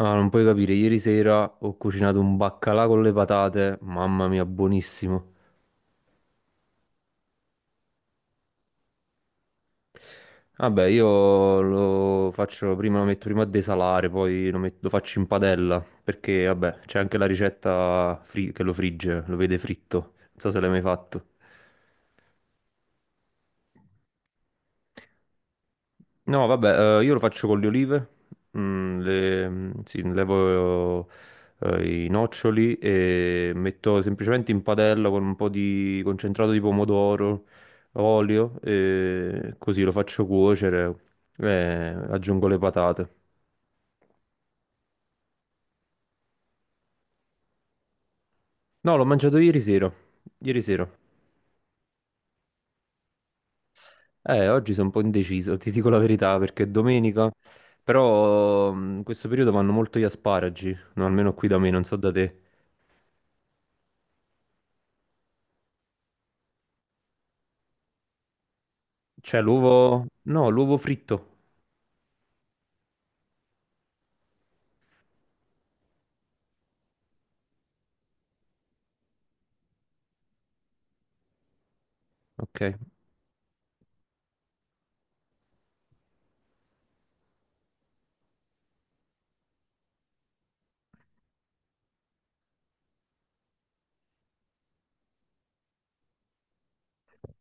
Ah, non puoi capire, ieri sera ho cucinato un baccalà con le patate, mamma mia, buonissimo. Vabbè, io lo faccio prima, lo metto prima a desalare, poi lo faccio in padella, perché vabbè, c'è anche la ricetta che lo frigge, lo vede fritto. Non so se l'hai mai fatto. No, vabbè, io lo faccio con le olive, sì, levo i noccioli e metto semplicemente in padella con un po' di concentrato di pomodoro, olio e così lo faccio cuocere e aggiungo le patate. No, l'ho mangiato ieri sera, ieri sera. Oggi sono un po' indeciso, ti dico la verità, perché è domenica, però in questo periodo vanno molto gli asparagi, no, almeno qui da me, non so da te. C'è l'uovo, no, l'uovo fritto. Ok,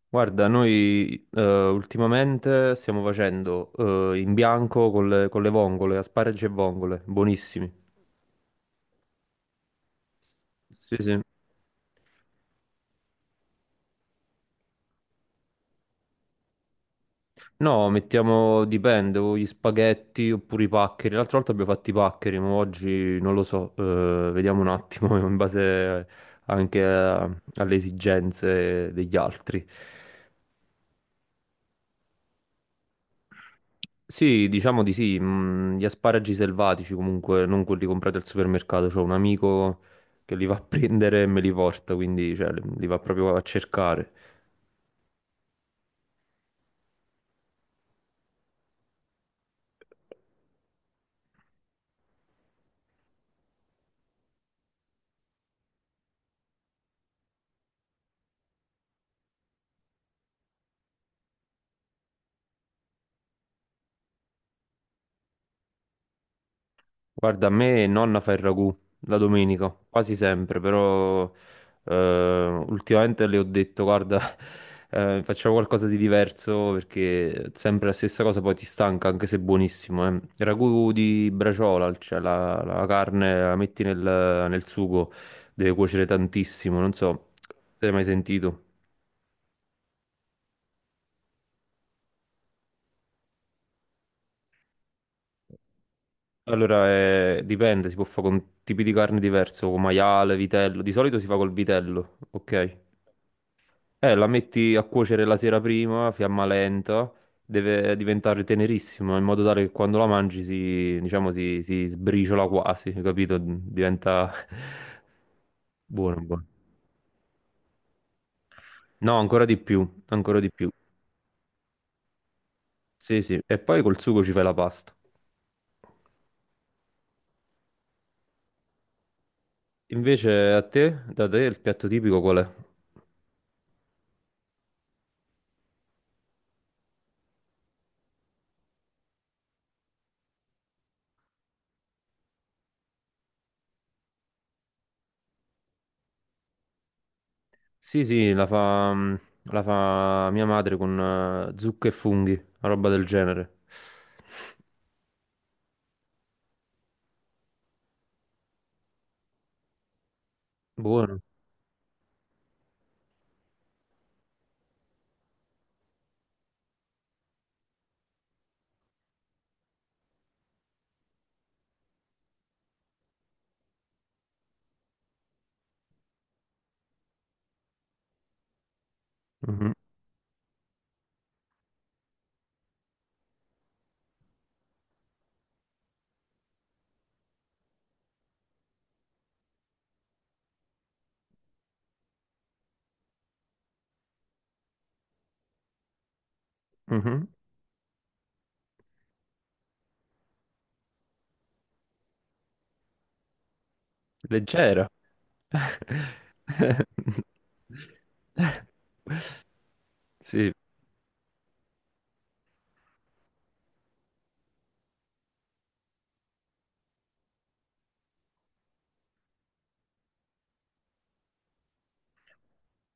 guarda, noi ultimamente stiamo facendo in bianco con le vongole, asparagi e vongole, buonissimi. Sì, sì. No, mettiamo, dipende, o gli spaghetti oppure i paccheri. L'altra volta abbiamo fatto i paccheri, ma oggi non lo so, vediamo un attimo in base anche alle esigenze degli altri. Sì, diciamo di sì, gli asparagi selvatici comunque, non quelli comprati al supermercato, c'ho un amico che li va a prendere e me li porta, quindi cioè, li va proprio a cercare. Guarda, a me nonna fa il ragù la domenica, quasi sempre, però ultimamente le ho detto, guarda, facciamo qualcosa di diverso perché sempre la stessa cosa poi ti stanca, anche se è buonissimo. Il ragù di braciola, cioè la carne la metti nel sugo, deve cuocere tantissimo, non so, se l'hai mai sentito. Allora, dipende, si può fare con tipi di carne diverso, con maiale, vitello, di solito si fa col vitello, ok? La metti a cuocere la sera prima, a fiamma lenta, deve diventare tenerissima in modo tale che quando la mangi si, diciamo, si sbriciola quasi, capito? Diventa buono, buono. No, ancora di più, ancora di più. Sì, sì. E poi col sugo ci fai la pasta. Invece a te, da te, il piatto tipico qual è? Sì, sì, la fa mia madre con zucche e funghi, una roba del genere. Buono. Mhm, mhm. Leggero. Sì,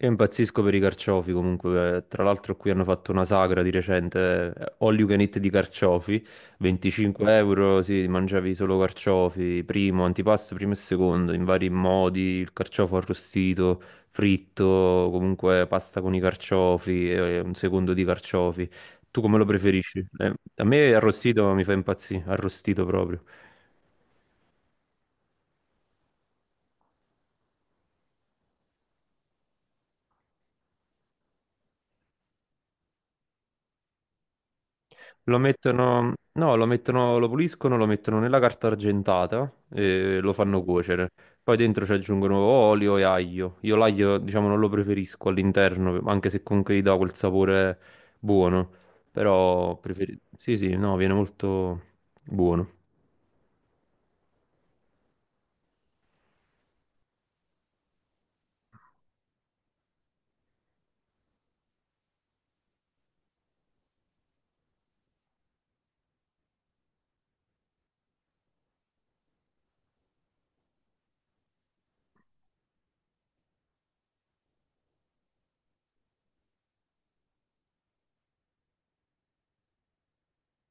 io impazzisco per i carciofi comunque. Tra l'altro qui hanno fatto una sagra di recente, all you can eat di carciofi, 25 euro, sì, mangiavi solo carciofi, primo, antipasto, primo e secondo, in vari modi, il carciofo arrostito, fritto, comunque pasta con i carciofi, un secondo di carciofi. Tu come lo preferisci? A me arrostito mi fa impazzire, arrostito proprio. Lo mettono, no, lo mettono, lo puliscono, lo mettono nella carta argentata e lo fanno cuocere. Poi dentro ci aggiungono olio e aglio. Io l'aglio, diciamo, non lo preferisco all'interno, anche se comunque gli dà quel sapore buono. Però sì, sì, no, viene molto buono.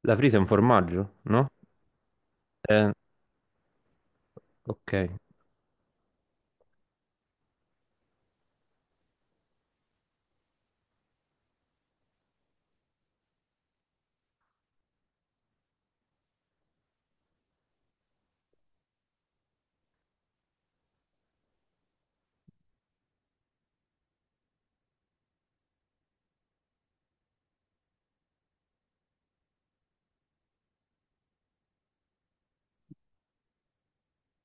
La frisa è un formaggio, no? Eh, ok,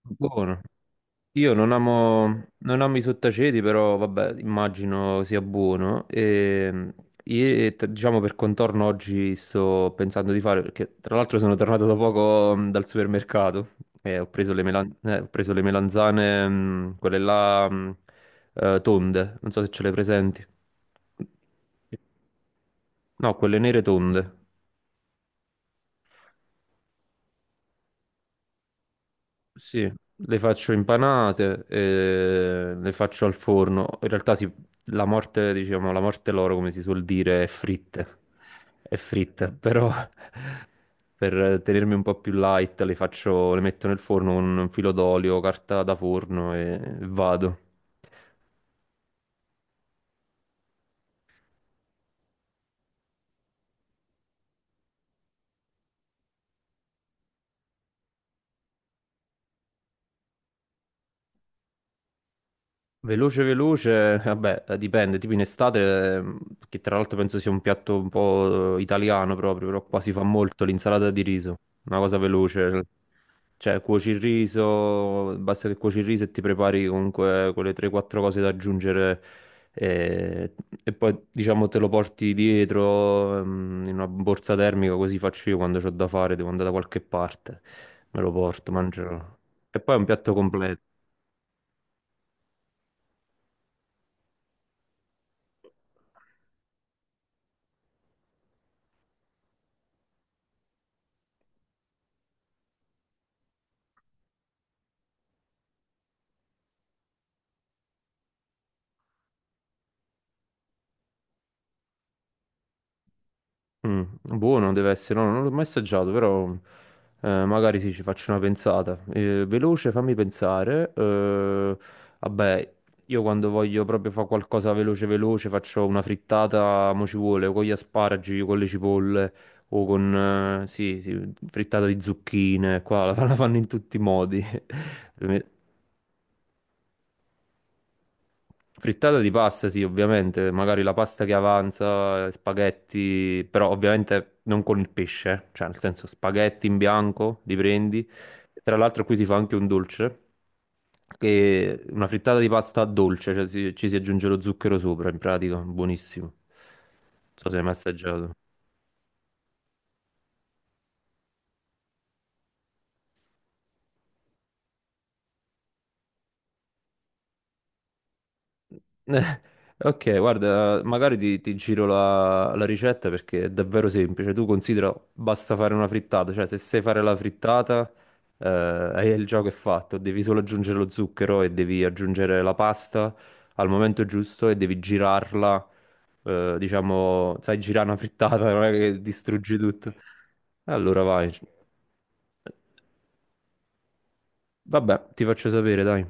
buono. Io non amo, non amo i sottaceti, però vabbè, immagino sia buono. Diciamo per contorno oggi sto pensando di fare, perché tra l'altro sono tornato da poco dal supermercato e ho preso le melanzane, quelle là, tonde, non so se ce le presenti. No, quelle nere tonde. Sì, le faccio impanate, e le faccio al forno. In realtà sì, la morte, diciamo, la morte loro, come si suol dire, è fritte. È fritta, però per tenermi un po' più light le faccio, le metto nel forno con un filo d'olio, carta da forno e vado. Veloce, veloce, vabbè, dipende, tipo in estate, che tra l'altro penso sia un piatto un po' italiano proprio, però qua si fa molto l'insalata di riso, una cosa veloce, cioè cuoci il riso, basta che cuoci il riso e ti prepari comunque quelle 3-4 cose da aggiungere eh, e, poi diciamo te lo porti dietro in una borsa termica, così faccio io quando ho da fare, devo andare da qualche parte, me lo porto, mangio. E poi è un piatto completo. Mm, buono deve essere, no, non l'ho mai assaggiato, però magari sì, ci faccio una pensata. Veloce, fammi pensare. Vabbè, io quando voglio proprio fare qualcosa veloce veloce faccio una frittata, mo ci vuole, o con gli asparagi, con le cipolle o con, sì, sì, frittata di zucchine, qua la fanno in tutti i modi. Frittata di pasta, sì, ovviamente, magari la pasta che avanza, spaghetti, però ovviamente non con il pesce, cioè nel senso spaghetti in bianco, li prendi. Tra l'altro qui si fa anche un dolce, che è una frittata di pasta dolce, cioè ci si aggiunge lo zucchero sopra, in pratica, buonissimo. Non so se l'hai mai assaggiato. Eh, Ok, guarda, magari ti giro la ricetta perché è davvero semplice. Tu considera, basta fare una frittata, cioè se sai fare la frittata, eh, il gioco è fatto, devi solo aggiungere lo zucchero e devi aggiungere la pasta al momento giusto e devi girarla, diciamo, sai girare una frittata, non è che distruggi tutto. Allora vai. Vabbè, ti faccio sapere, dai.